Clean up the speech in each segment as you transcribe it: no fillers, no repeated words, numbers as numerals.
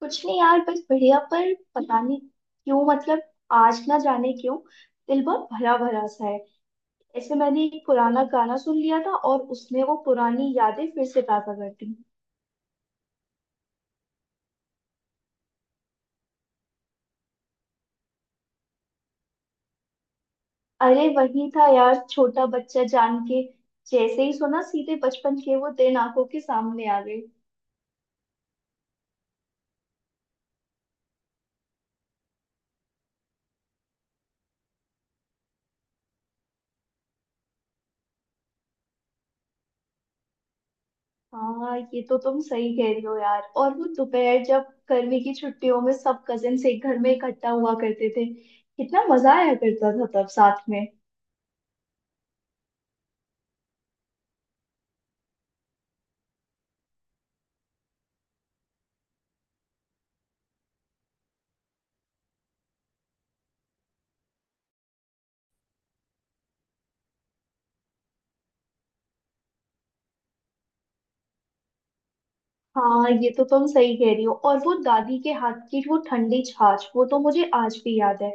कुछ नहीं यार, बस बढ़िया। पर पता नहीं क्यों, मतलब आज ना जाने क्यों दिल बहुत भरा भरा सा है। ऐसे मैंने एक पुराना गाना सुन लिया था और उसमें वो पुरानी यादें फिर से ताजा कर दी। अरे वही था यार, छोटा बच्चा जान के। जैसे ही सुना, सीधे बचपन के वो दिन आंखों के सामने आ गए। हाँ, ये तो तुम सही कह रही हो यार। और वो दोपहर जब गर्मी की छुट्टियों में सब कजिन एक घर में इकट्ठा हुआ करते थे, कितना मजा आया करता था तब साथ में। हाँ, ये तो तुम सही कह रही हो। और वो दादी के हाथ की वो ठंडी छाछ, वो तो मुझे आज भी याद है।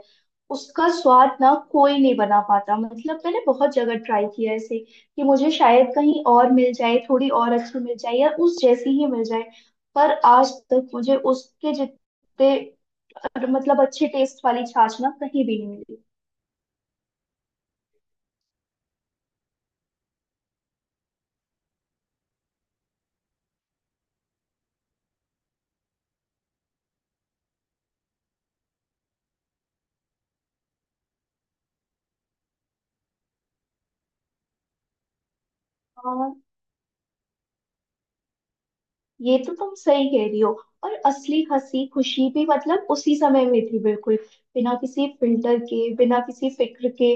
उसका स्वाद ना कोई नहीं बना पाता, मतलब मैंने बहुत जगह ट्राई किया है इसे, कि मुझे शायद कहीं और मिल जाए, थोड़ी और अच्छी मिल जाए या उस जैसी ही मिल जाए। पर आज तक मुझे उसके जितने मतलब अच्छे टेस्ट वाली छाछ ना कहीं भी नहीं मिली। हाँ, ये तो तुम सही कह रही हो। और असली हंसी खुशी भी मतलब उसी समय में थी, बिल्कुल बिना किसी फिल्टर के, बिना किसी फिक्र के।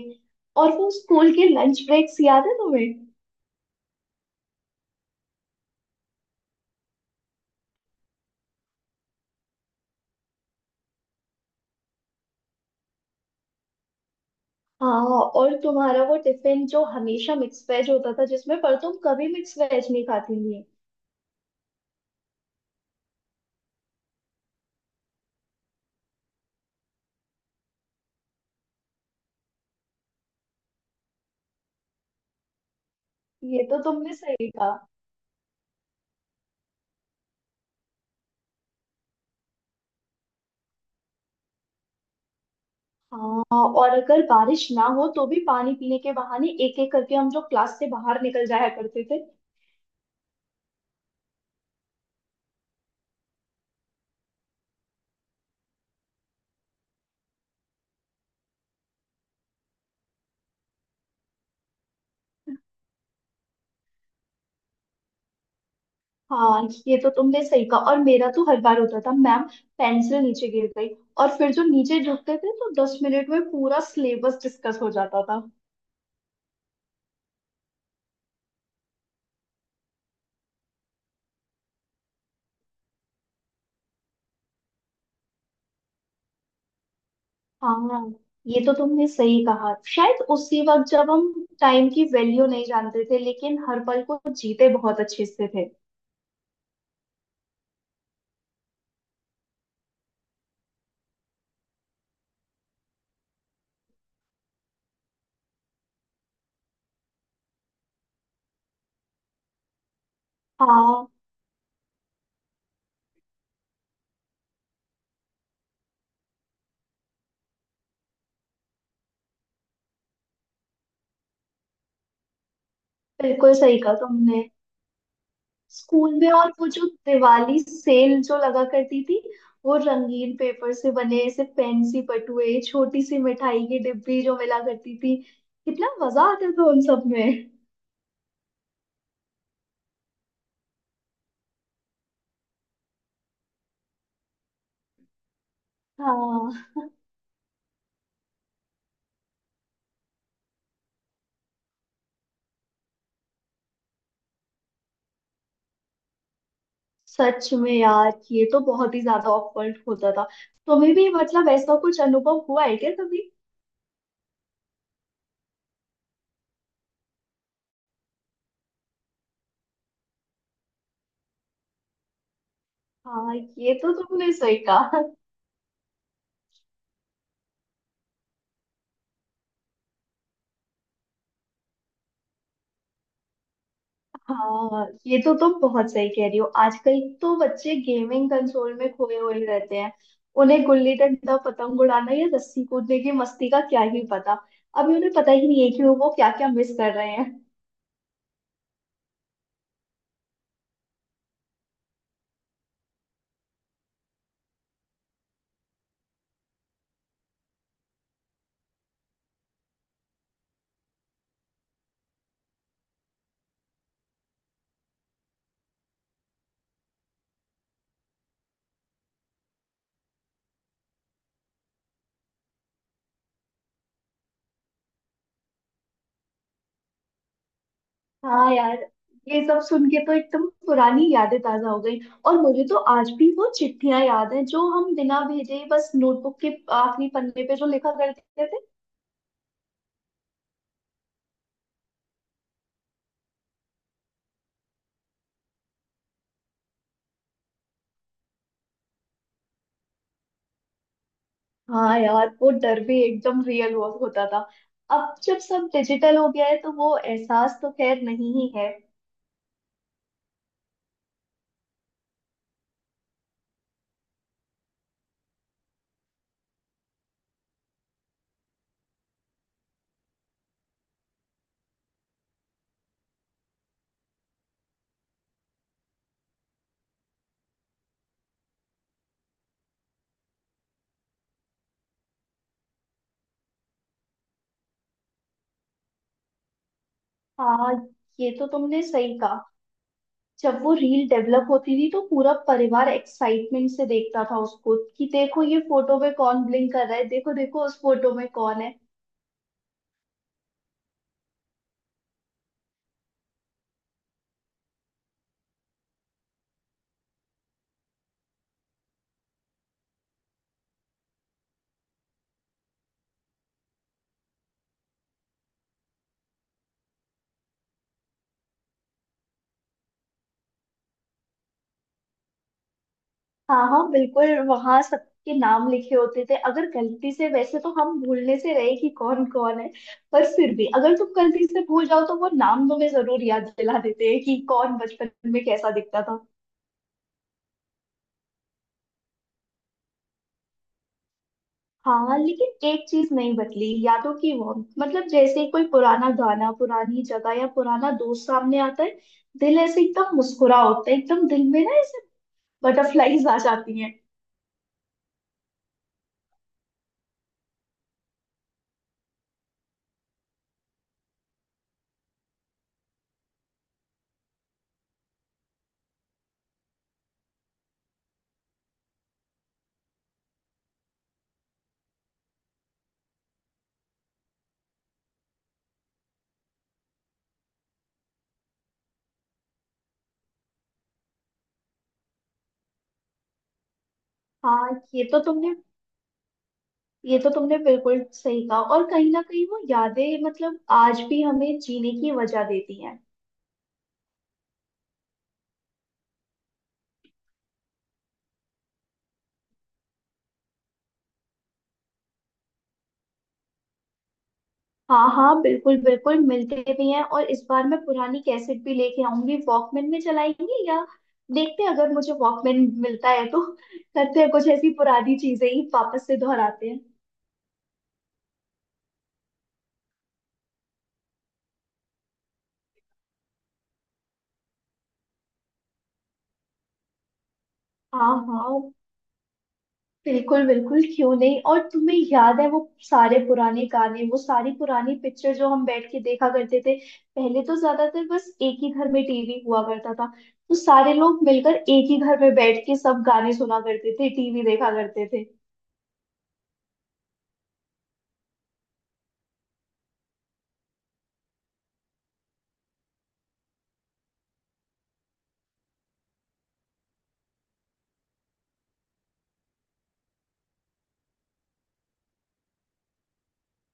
और वो स्कूल के लंच ब्रेक्स याद है तुम्हें? हाँ, और तुम्हारा वो टिफिन जो हमेशा मिक्स वेज होता था, जिसमें पर तुम कभी मिक्स वेज नहीं खाती थी। ये तो तुमने सही कहा। हाँ, और अगर बारिश ना हो तो भी पानी पीने के बहाने एक एक करके हम जो क्लास से बाहर निकल जाया करते थे। हाँ, ये तो तुमने सही कहा। और मेरा तो हर बार होता था, मैम, पेंसिल नीचे गिर गई। और फिर जो नीचे झुकते थे तो 10 मिनट में पूरा सिलेबस डिस्कस हो जाता था। हाँ, ये तो तुमने सही कहा। शायद उसी वक्त, जब हम टाइम की वैल्यू नहीं जानते थे लेकिन हर पल को जीते बहुत अच्छे से थे। हाँ, बिल्कुल सही कहा तुमने। स्कूल में, और वो जो दिवाली सेल जो लगा करती थी, वो रंगीन पेपर से बने ऐसे फैंसी पटुए, छोटी सी मिठाई की डिब्बी जो मिला करती थी, कितना मजा आता था उन सब में। हाँ, सच में यार, ये तो बहुत ही ज्यादा ऑकवर्ड होता था। तुम्हें भी मतलब ऐसा कुछ अनुभव हुआ है क्या कभी? हाँ, ये तो तुमने सही कहा। हाँ, ये तो तुम बहुत सही कह रही हो। आजकल तो बच्चे गेमिंग कंसोल में खोए हुए रहते हैं। उन्हें गुल्ली डंडा, पतंग उड़ाना या रस्सी कूदने की मस्ती का क्या ही पता। अभी उन्हें पता ही नहीं है कि वो क्या क्या मिस कर रहे हैं। हाँ यार, ये सब सुन के तो एकदम पुरानी यादें ताजा हो गई। और मुझे तो आज भी वो चिट्ठियां याद हैं जो हम बिना भेजे ही बस नोटबुक के आखिरी पन्ने पे जो लिखा करते थे। हाँ यार, वो डर भी एकदम रियल हुआ होता था। अब जब सब डिजिटल हो गया है तो वो एहसास तो खैर नहीं ही है। हाँ, ये तो तुमने सही कहा। जब वो रील डेवलप होती थी तो पूरा परिवार एक्साइटमेंट से देखता था उसको, कि देखो ये फोटो में कौन ब्लिंक कर रहा है, देखो देखो उस फोटो में कौन है। हाँ हाँ, बिल्कुल, वहां सबके नाम लिखे होते थे। अगर गलती से, वैसे तो हम भूलने से रहे कि कौन कौन है, पर फिर भी अगर तुम गलती से भूल जाओ तो वो नाम तुम्हें जरूर याद दिला देते हैं कि कौन बचपन में कैसा दिखता था। हाँ, लेकिन एक चीज नहीं बदली, यादों की वो, मतलब जैसे ही कोई पुराना गाना, पुरानी जगह या पुराना दोस्त सामने आता है, दिल ऐसे एकदम मुस्कुरा होता है, एकदम दिल में ना ऐसे बटरफ्लाईज आ जाती हैं। हाँ ये तो तुमने ये तो तुमने बिल्कुल सही कहा। और कहीं ना कहीं वो यादें मतलब आज भी हमें जीने की वजह देती हैं। हाँ हाँ, बिल्कुल बिल्कुल, मिलते भी हैं। और इस बार मैं पुरानी कैसेट भी लेके आऊंगी, वॉकमैन में चलाएंगे, या देखते हैं अगर मुझे वॉकमैन मिलता है तो करते हैं कुछ ऐसी पुरानी चीजें ही वापस से दोहराते हैं। हाँ हाँ, बिल्कुल बिल्कुल, क्यों नहीं। और तुम्हें याद है वो सारे पुराने गाने, वो सारी पुरानी पिक्चर जो हम बैठ के देखा करते थे? पहले तो ज्यादातर बस एक ही घर में टीवी हुआ करता था, तो सारे लोग मिलकर एक ही घर में बैठ के सब गाने सुना करते थे, टीवी देखा करते थे।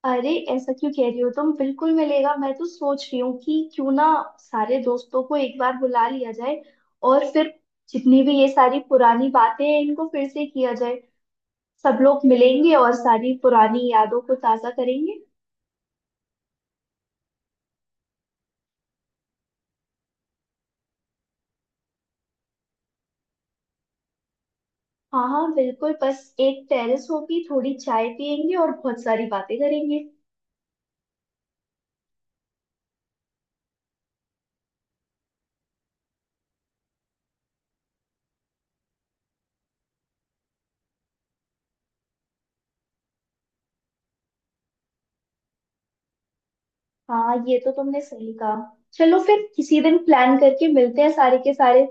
अरे, ऐसा क्यों कह रही हो तुम? बिल्कुल मिलेगा। मैं तो सोच रही हूँ कि क्यों ना सारे दोस्तों को एक बार बुला लिया जाए, और फिर जितनी भी ये सारी पुरानी बातें हैं इनको फिर से किया जाए। सब लोग मिलेंगे और सारी पुरानी यादों को ताजा करेंगे। हाँ हाँ, बिल्कुल, बस एक टेरेस होगी, थोड़ी चाय पियेंगे और बहुत सारी बातें करेंगे। हाँ, ये तो तुमने सही कहा। चलो, फिर किसी दिन प्लान करके मिलते हैं सारे के सारे।